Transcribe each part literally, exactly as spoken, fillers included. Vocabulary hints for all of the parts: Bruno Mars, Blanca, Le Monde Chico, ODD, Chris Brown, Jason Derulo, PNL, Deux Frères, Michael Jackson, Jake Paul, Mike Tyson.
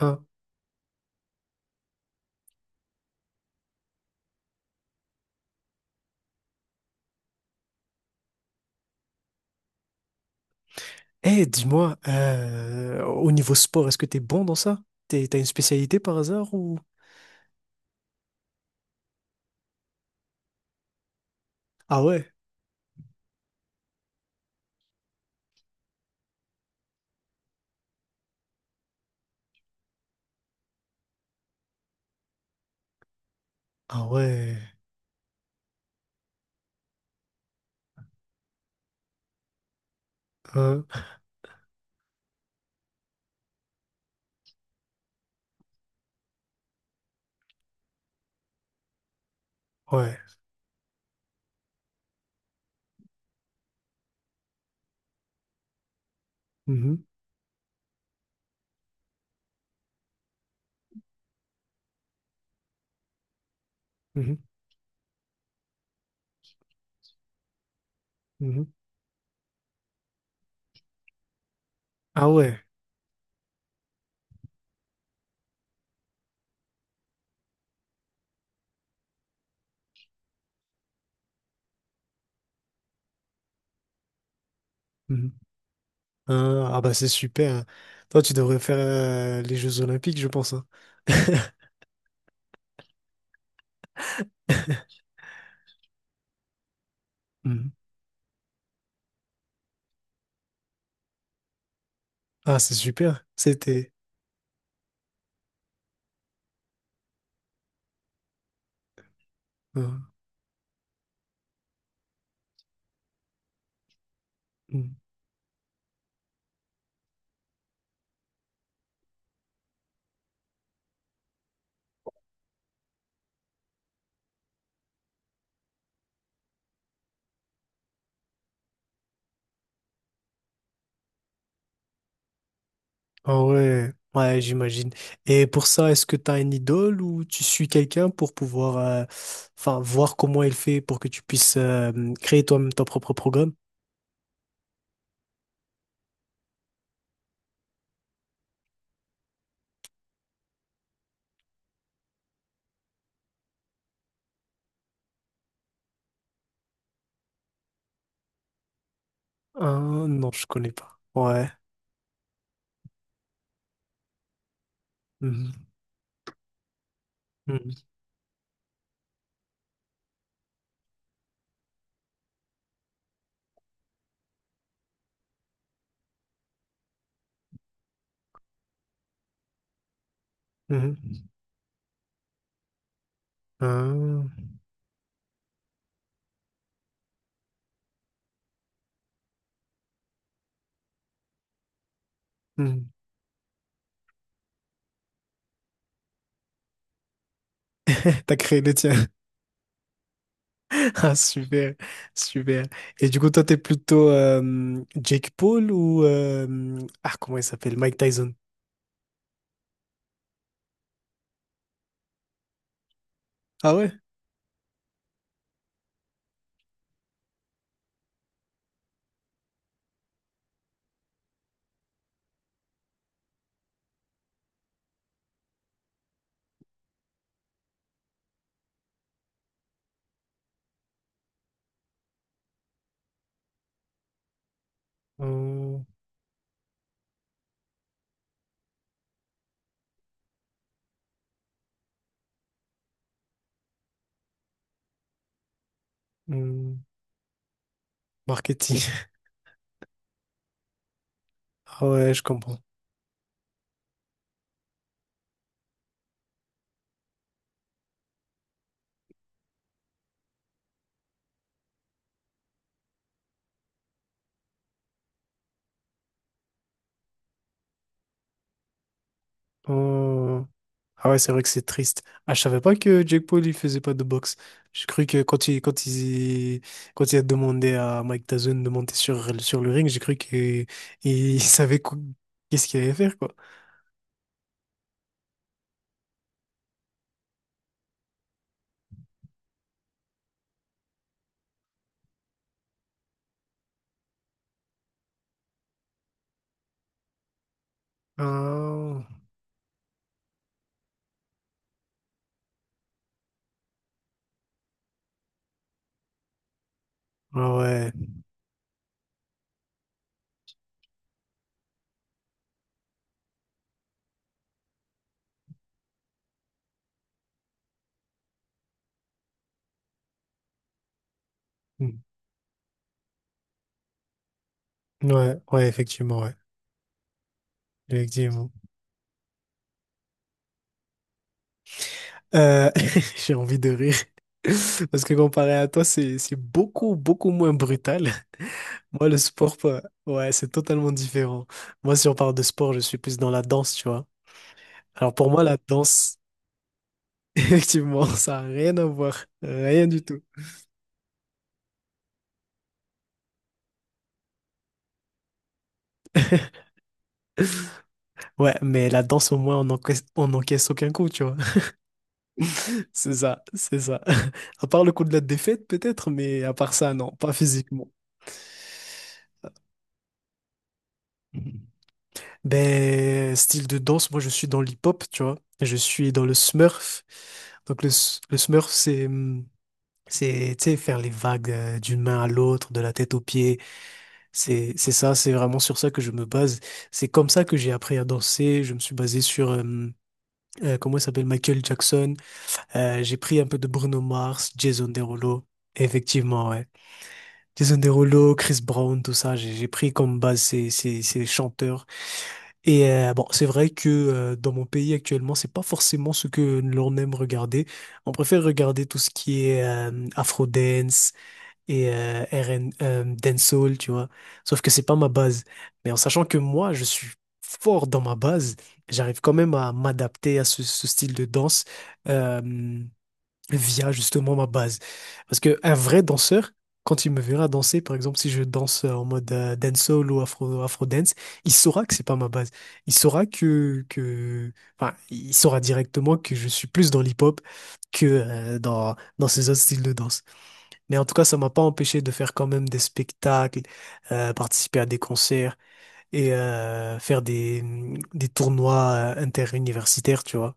Ah. Eh, dis-moi, euh, au niveau sport, est-ce que t'es bon dans ça? T'es- T'as une spécialité par hasard ou... Ah ouais, ah ouais, hein, ouais, mhm, mhm, mhm. Ah ouais, mhm. Hein, ah bah c'est super, hein. Toi, tu devrais faire euh, les Jeux Olympiques, je pense, hein. Mhm. Ah, c'est super, c'était... euh, mmh. Ah ouais, ouais, j'imagine. Et pour ça, est-ce que tu as une idole ou tu suis quelqu'un pour pouvoir euh, enfin voir comment il fait pour que tu puisses euh, créer toi-même ton propre programme? Ah non, je connais pas. Ouais. Mhm. Mhm. Mhm. Ah. Mhm. T'as créé le tien. Ah super, super. Et du coup, toi, t'es plutôt euh, Jake Paul ou euh, ah comment il s'appelle? Mike Tyson. Ah ouais? Hum, hum. Marketing. Ah ouais, je comprends. Oh. Ah ouais, c'est vrai que c'est triste. Ah, je savais pas que Jake Paul, il faisait pas de boxe. J'ai cru que quand il, quand il, quand il a demandé à Mike Tyson de monter sur, sur le ring, j'ai cru que il savait quoi- qu'est-ce qu'il allait faire, quoi. Ah, ah ouais. Hmm. Ouais, ouais, effectivement, ouais. Effectivement. Euh, j'ai envie de rire. Parce que comparé à toi, c'est, c'est beaucoup, beaucoup moins brutal. Moi, le sport, pas- ouais, c'est totalement différent. Moi, si on parle de sport, je suis plus dans la danse, tu vois. Alors pour moi, la danse, effectivement, ça a rien à voir. Rien du tout. Ouais, mais la danse, au moins, on encaisse, on n'encaisse aucun coup, tu vois. C'est ça, c'est ça. À part le coup de la défaite, peut-être, mais à part ça, non, pas physiquement. Ben, style de danse, moi, je suis dans l'hip-hop, tu vois. Je suis dans le smurf. Donc, le, s- le smurf, c'est, hum, c'est, tu sais, faire les vagues euh, d'une main à l'autre, de la tête aux pieds. C'est, c'est ça, c'est vraiment sur ça que je me base. C'est comme ça que j'ai appris à danser. Je me suis basé sur, euh, euh, comment il s'appelle, Michael Jackson. Euh, j'ai pris un peu de Bruno Mars, Jason Derulo. Effectivement, ouais. Jason Derulo, Chris Brown, tout ça, j'ai j'ai pris comme base ces, ces, ces chanteurs. Et euh, bon, c'est vrai que euh, dans mon pays actuellement, c'est pas forcément ce que l'on aime regarder. On préfère regarder tout ce qui est euh, afro et euh, R N, euh, dancehall, tu vois. Sauf que c'est pas ma base. Mais en sachant que moi, je suis fort dans ma base, j'arrive quand même à m'adapter à ce, ce style de danse euh, via justement ma base. Parce que un vrai danseur, quand il me verra danser, par exemple, si je danse en mode euh, dancehall ou afro, afro dance, il saura que c'est pas ma base. Il saura que, que, enfin, il saura directement que je suis plus dans l'hip-hop que euh, dans, dans ces autres styles de danse. Mais en tout cas, ça m'a pas empêché de faire quand même des spectacles, euh, participer à des concerts et euh, faire des, des tournois euh, interuniversitaires, tu vois.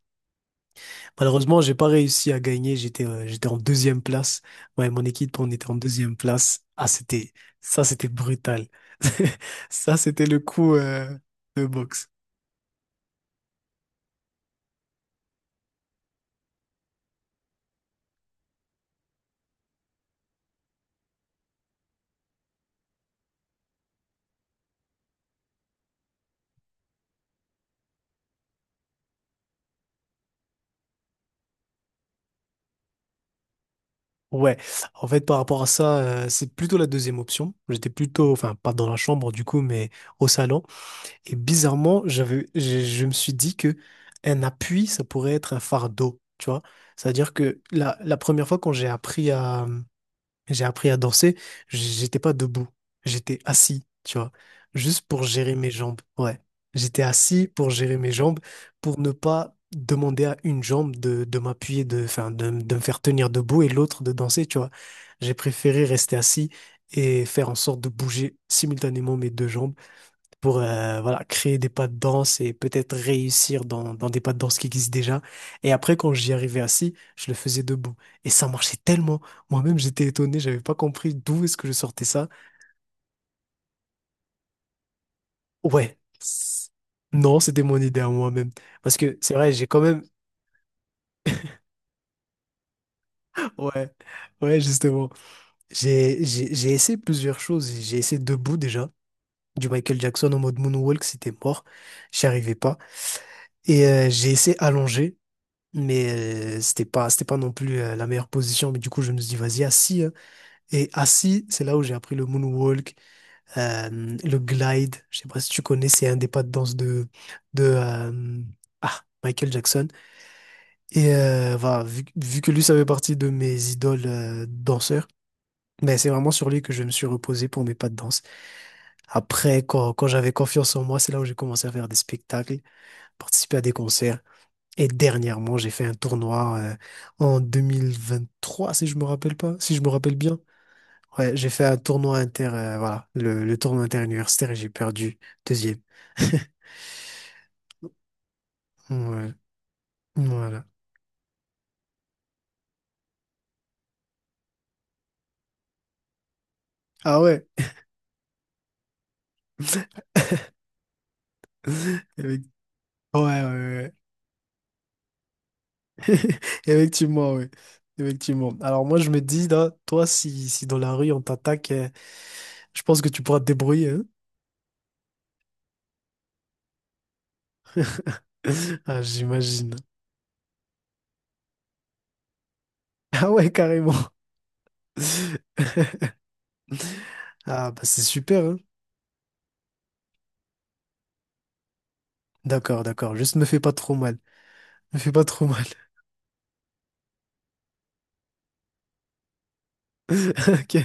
Malheureusement, j'ai pas réussi à gagner. J'étais euh, j'étais en deuxième place. Ouais, mon équipe, on était en deuxième place. Ah, c'était ça, c'était brutal. Ça, c'était le coup euh, de boxe. Ouais, en fait, par rapport à ça, euh, c'est plutôt la deuxième option. J'étais plutôt, enfin, pas dans la chambre du coup, mais au salon. Et bizarrement, j'avais, je, je me suis dit que un appui, ça pourrait être un fardeau, tu vois. C'est-à-dire que la, la première fois quand j'ai appris à, j'ai appris à danser, j'étais pas debout, j'étais assis, tu vois, juste pour gérer mes jambes. Ouais, j'étais assis pour gérer mes jambes, pour ne pas demander à une jambe de, de m'appuyer, de, enfin, de, de me faire tenir debout et l'autre de danser, tu vois. J'ai préféré rester assis et faire en sorte de bouger simultanément mes deux jambes pour euh, voilà, créer des pas de danse et peut-être réussir dans, dans des pas de danse qui existent déjà. Et après, quand j'y arrivais assis, je le faisais debout. Et ça marchait tellement. Moi-même, j'étais étonné, j'avais pas compris d'où est-ce que je sortais ça. Ouais. c- Non, c'était mon idée à moi-même. Parce que c'est vrai, j'ai quand même... Ouais, ouais, justement. J'ai, j'ai, j'ai essayé plusieurs choses. J'ai essayé debout déjà. Du Michael Jackson en mode moonwalk, c'était mort. J'y arrivais pas. Et euh, j'ai essayé allongé. Mais euh, c'était pas, c'était pas non plus euh, la meilleure position. Mais du coup, je me suis dit, vas-y, assis, hein. Et assis, c'est là où j'ai appris le moonwalk, euh, le glide. Je sais pas si tu connais, c'est un des pas de danse de, de euh, ah, Michael Jackson. Et euh, voilà, vu, vu que lui, ça fait partie de mes idoles euh, danseurs, ben, c'est vraiment sur lui que je me suis reposé pour mes pas de danse. Après, quand, quand j'avais confiance en moi, c'est là où j'ai commencé à faire des spectacles, participer à des concerts. Et dernièrement, j'ai fait un tournoi euh, en vingt vingt-trois, si je me rappelle pas, si je me rappelle bien. Ouais, j'ai fait un tournoi inter, euh, voilà, le, le tournoi interuniversitaire et j'ai perdu deuxième. Ouais, voilà. Ah ouais. Effect- Ouais, ouais, ouais. Effectivement, ouais. Effectivement. Alors moi, je me dis, là, toi, si, si dans la rue on t'attaque, euh, je pense que tu pourras te débrouiller, hein. Ah, j'imagine. Ah ouais, carrément. Ah bah c'est super, hein. D'accord, d'accord. Juste me fais pas trop mal. Me fais pas trop mal. Ok,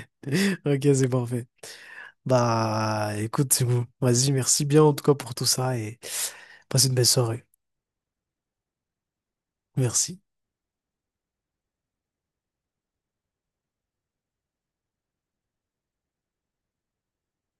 ok, c'est parfait. Bah, écoute, c'est bon. Vas-y, merci bien en tout cas pour tout ça et passe une belle soirée. Merci.